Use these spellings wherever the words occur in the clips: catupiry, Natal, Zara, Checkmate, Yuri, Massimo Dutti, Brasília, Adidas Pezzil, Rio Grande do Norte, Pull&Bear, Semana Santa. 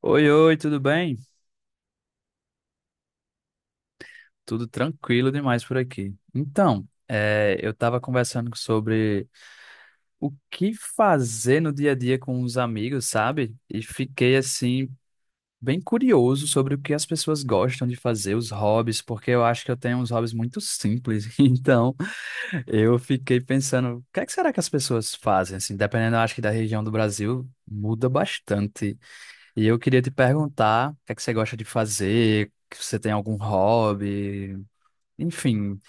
Oi, oi, tudo bem? Tudo tranquilo demais por aqui. Então, eu estava conversando sobre o que fazer no dia a dia com os amigos, sabe? E fiquei assim, bem curioso sobre o que as pessoas gostam de fazer, os hobbies, porque eu acho que eu tenho uns hobbies muito simples. Então, eu fiquei pensando, o que é que será que as pessoas fazem? Assim, dependendo, eu acho que da região do Brasil, muda bastante. E eu queria te perguntar, o que é que você gosta de fazer? Que Você tem algum hobby? Enfim,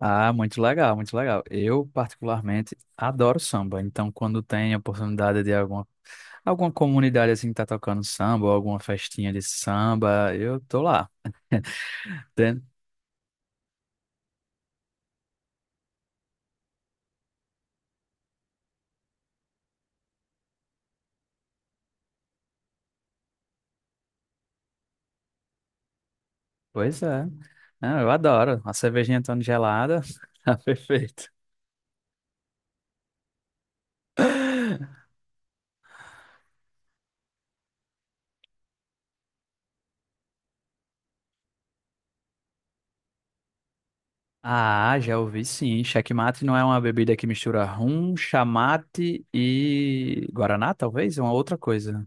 ah, muito legal, muito legal. Eu, particularmente, adoro samba. Então, quando tem a oportunidade de alguma comunidade assim que tá tocando samba, ou alguma festinha de samba, eu tô lá. Tem- Pois é. Ah, eu adoro. A cervejinha tão gelada, tá perfeito. Ah, já ouvi sim. Checkmate não é uma bebida que mistura rum, chamate e guaraná, talvez? É uma outra coisa.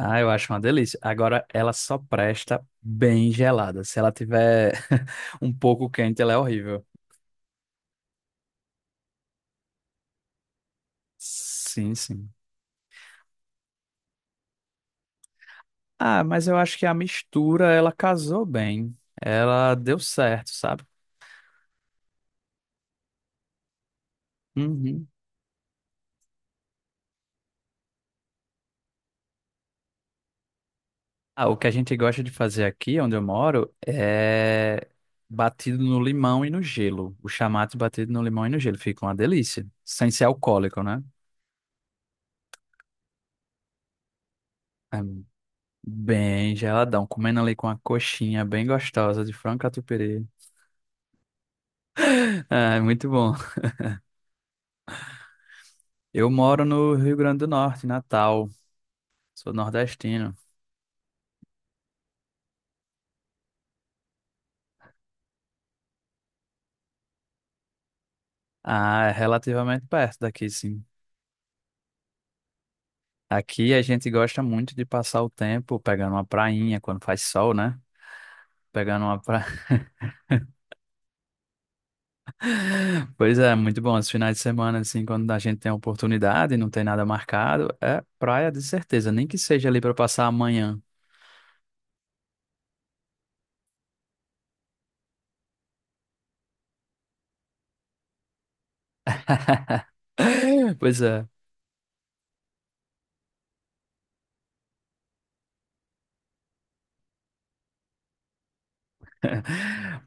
Ah, eu acho uma delícia. Agora, ela só presta bem gelada. Se ela tiver um pouco quente, ela é horrível. Sim, sim. Ah, mas eu acho que a mistura, ela casou bem. Ela deu certo, sabe? Uhum. Ah, o que a gente gosta de fazer aqui, onde eu moro, é batido no limão e no gelo. O chamate batido no limão e no gelo. Fica uma delícia. Sem ser alcoólico, né? É bem geladão. Comendo ali com uma coxinha bem gostosa de frango catupiry. Ah, é, muito bom. Eu moro no Rio Grande do Norte, em Natal. Sou nordestino. Ah, é relativamente perto daqui, sim. Aqui a gente gosta muito de passar o tempo pegando uma prainha quando faz sol, né? Pegando uma praia. Pois é, muito bom. Os finais de semana, assim, quando a gente tem a oportunidade e não tem nada marcado, é praia de certeza, nem que seja ali para passar amanhã. Pois é.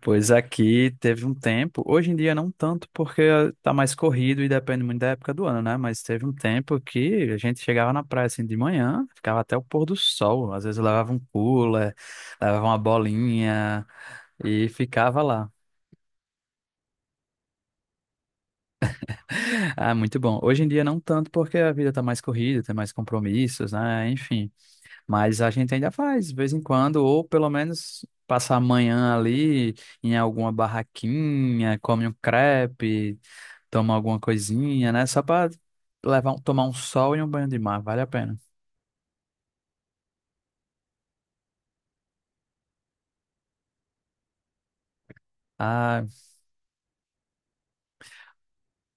Pois aqui teve um tempo, hoje em dia não tanto, porque tá mais corrido e depende muito da época do ano, né? Mas teve um tempo que a gente chegava na praia assim de manhã, ficava até o pôr do sol. Às vezes eu levava um cooler, levava uma bolinha e ficava lá. Ah, muito bom. Hoje em dia não tanto, porque a vida tá mais corrida, tem mais compromissos, né? Enfim. Mas a gente ainda faz, de vez em quando, ou pelo menos passa a manhã ali em alguma barraquinha, come um crepe, toma alguma coisinha, né? Só para levar, tomar um sol e um banho de mar, vale a pena. Ah,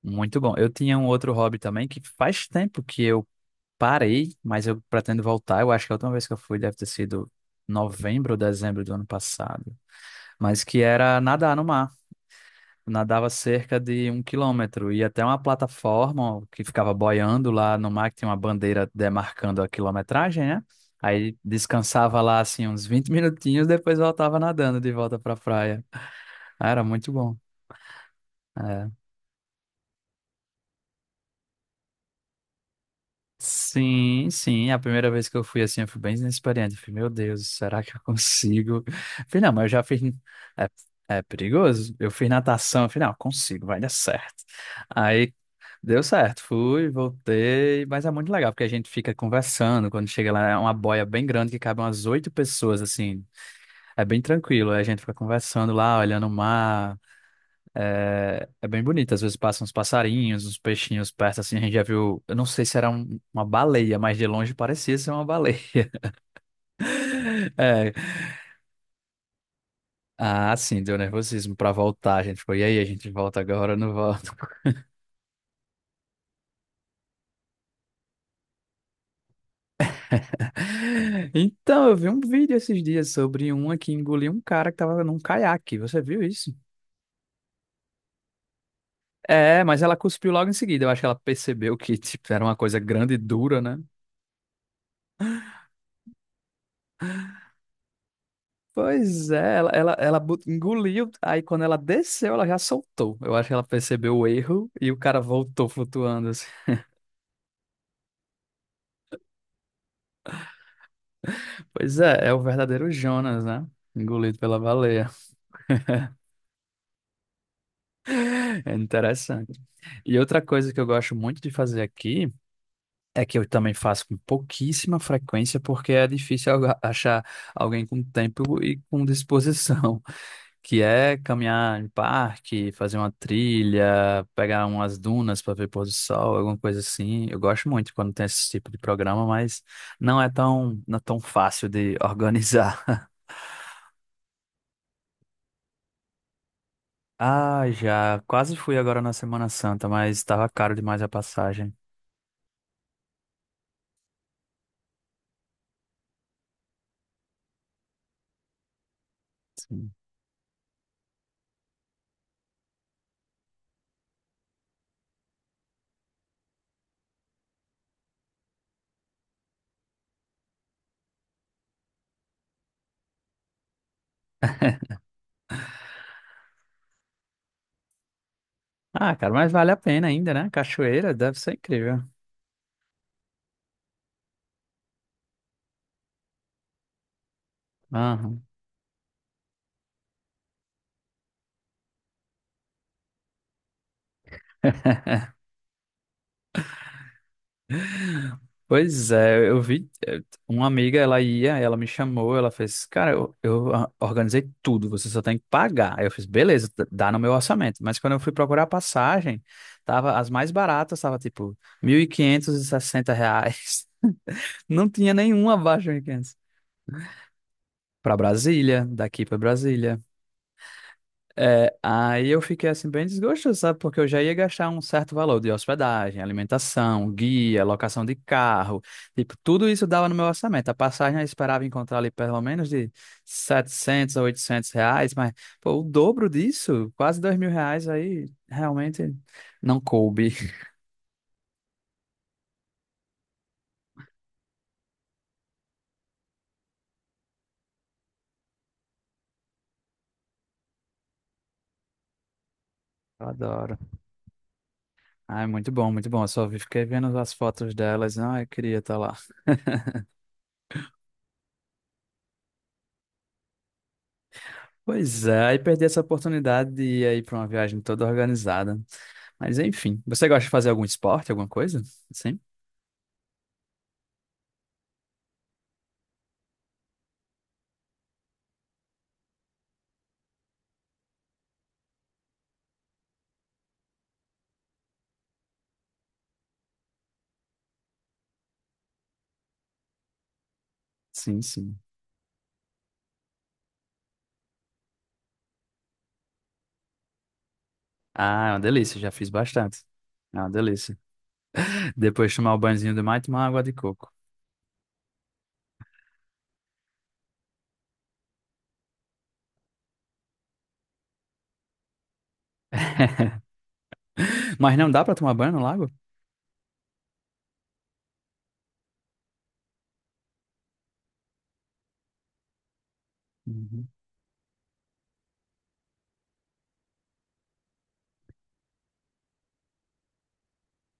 muito bom. Eu tinha um outro hobby também que faz tempo que eu parei, mas eu pretendo voltar. Eu acho que a última vez que eu fui deve ter sido novembro ou dezembro do ano passado, mas que era nadar no mar. Nadava cerca de 1 quilômetro e até uma plataforma que ficava boiando lá no mar, que tinha uma bandeira demarcando a quilometragem, né? Aí descansava lá assim uns 20 minutinhos, depois voltava nadando de volta pra praia. Ah, era muito bom. É. Sim, sim. A primeira vez que eu fui assim, eu fui bem inexperiente. Eu falei, meu Deus, será que eu consigo? Eu falei, não, mas eu já fiz. É, é perigoso. Eu fiz natação. Eu falei, não, consigo, vai dar certo. Aí deu certo, fui, voltei, mas é muito legal porque a gente fica conversando. Quando chega lá, é uma boia bem grande que cabe umas 8 pessoas, assim. É bem tranquilo, aí a gente fica conversando lá, olhando o mar. É, é bem bonito. Às vezes passam uns passarinhos, uns peixinhos perto, assim. A gente já viu, eu não sei se era uma baleia, mas de longe parecia ser uma baleia. É, ah, sim, deu nervosismo pra voltar. A gente foi e aí, a gente volta agora ou não volta? Então, eu vi um vídeo esses dias sobre uma que engoliu um cara que tava num caiaque. Você viu isso? É, mas ela cuspiu logo em seguida. Eu acho que ela percebeu que, tipo, era uma coisa grande e dura, né? Pois é, engoliu, aí quando ela desceu, ela já soltou. Eu acho que ela percebeu o erro e o cara voltou flutuando assim. Pois é, é o verdadeiro Jonas, né? Engolido pela baleia. É interessante. E outra coisa que eu gosto muito de fazer aqui. É que eu também faço com pouquíssima frequência, porque é difícil achar alguém com tempo e com disposição, que é caminhar em parque, fazer uma trilha, pegar umas dunas para ver pôr do sol, alguma coisa assim. Eu gosto muito quando tem esse tipo de programa, mas não é tão fácil de organizar. Ah, já quase fui agora na Semana Santa, mas estava caro demais a passagem. Sim. Ah, cara, mas vale a pena ainda, né? Cachoeira deve ser incrível. Aham. Pois é, eu vi uma amiga, ela ia, ela me chamou, ela fez, cara, organizei tudo, você só tem que pagar. Aí eu fiz, beleza, dá no meu orçamento. Mas quando eu fui procurar a passagem, tava, as mais baratas tava tipo mil e quinhentos e sessenta reais. Não tinha nenhuma abaixo de 1.500. Pra Brasília, daqui pra Brasília. É, aí eu fiquei assim bem desgostoso, sabe? Porque eu já ia gastar um certo valor de hospedagem, alimentação, guia, locação de carro, tipo, tudo isso dava no meu orçamento. A passagem eu esperava encontrar ali pelo menos de R$ 700 a R$ 800, mas pô, o dobro disso, quase R$ 2.000, aí realmente não coube. Eu adoro. Ai, muito bom, muito bom. Fiquei vendo as fotos delas, não, eu queria estar lá. Pois é, aí perdi essa oportunidade de ir aí para uma viagem toda organizada. Mas enfim, você gosta de fazer algum esporte, alguma coisa? Sim? Sim, sim. Ah, é uma delícia, já fiz bastante. É uma delícia. Depois de tomar o banhozinho do mar e tomar água de coco. Mas não dá pra tomar banho no lago? Uhum.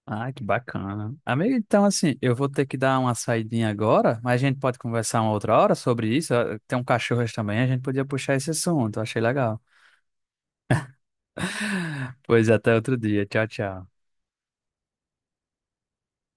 Ah, que bacana. Amigo, então assim, eu vou ter que dar uma saidinha agora, mas a gente pode conversar uma outra hora sobre isso. Ah, tem um cachorro também, a gente podia puxar esse assunto, achei legal. Pois até outro dia. Tchau, tchau.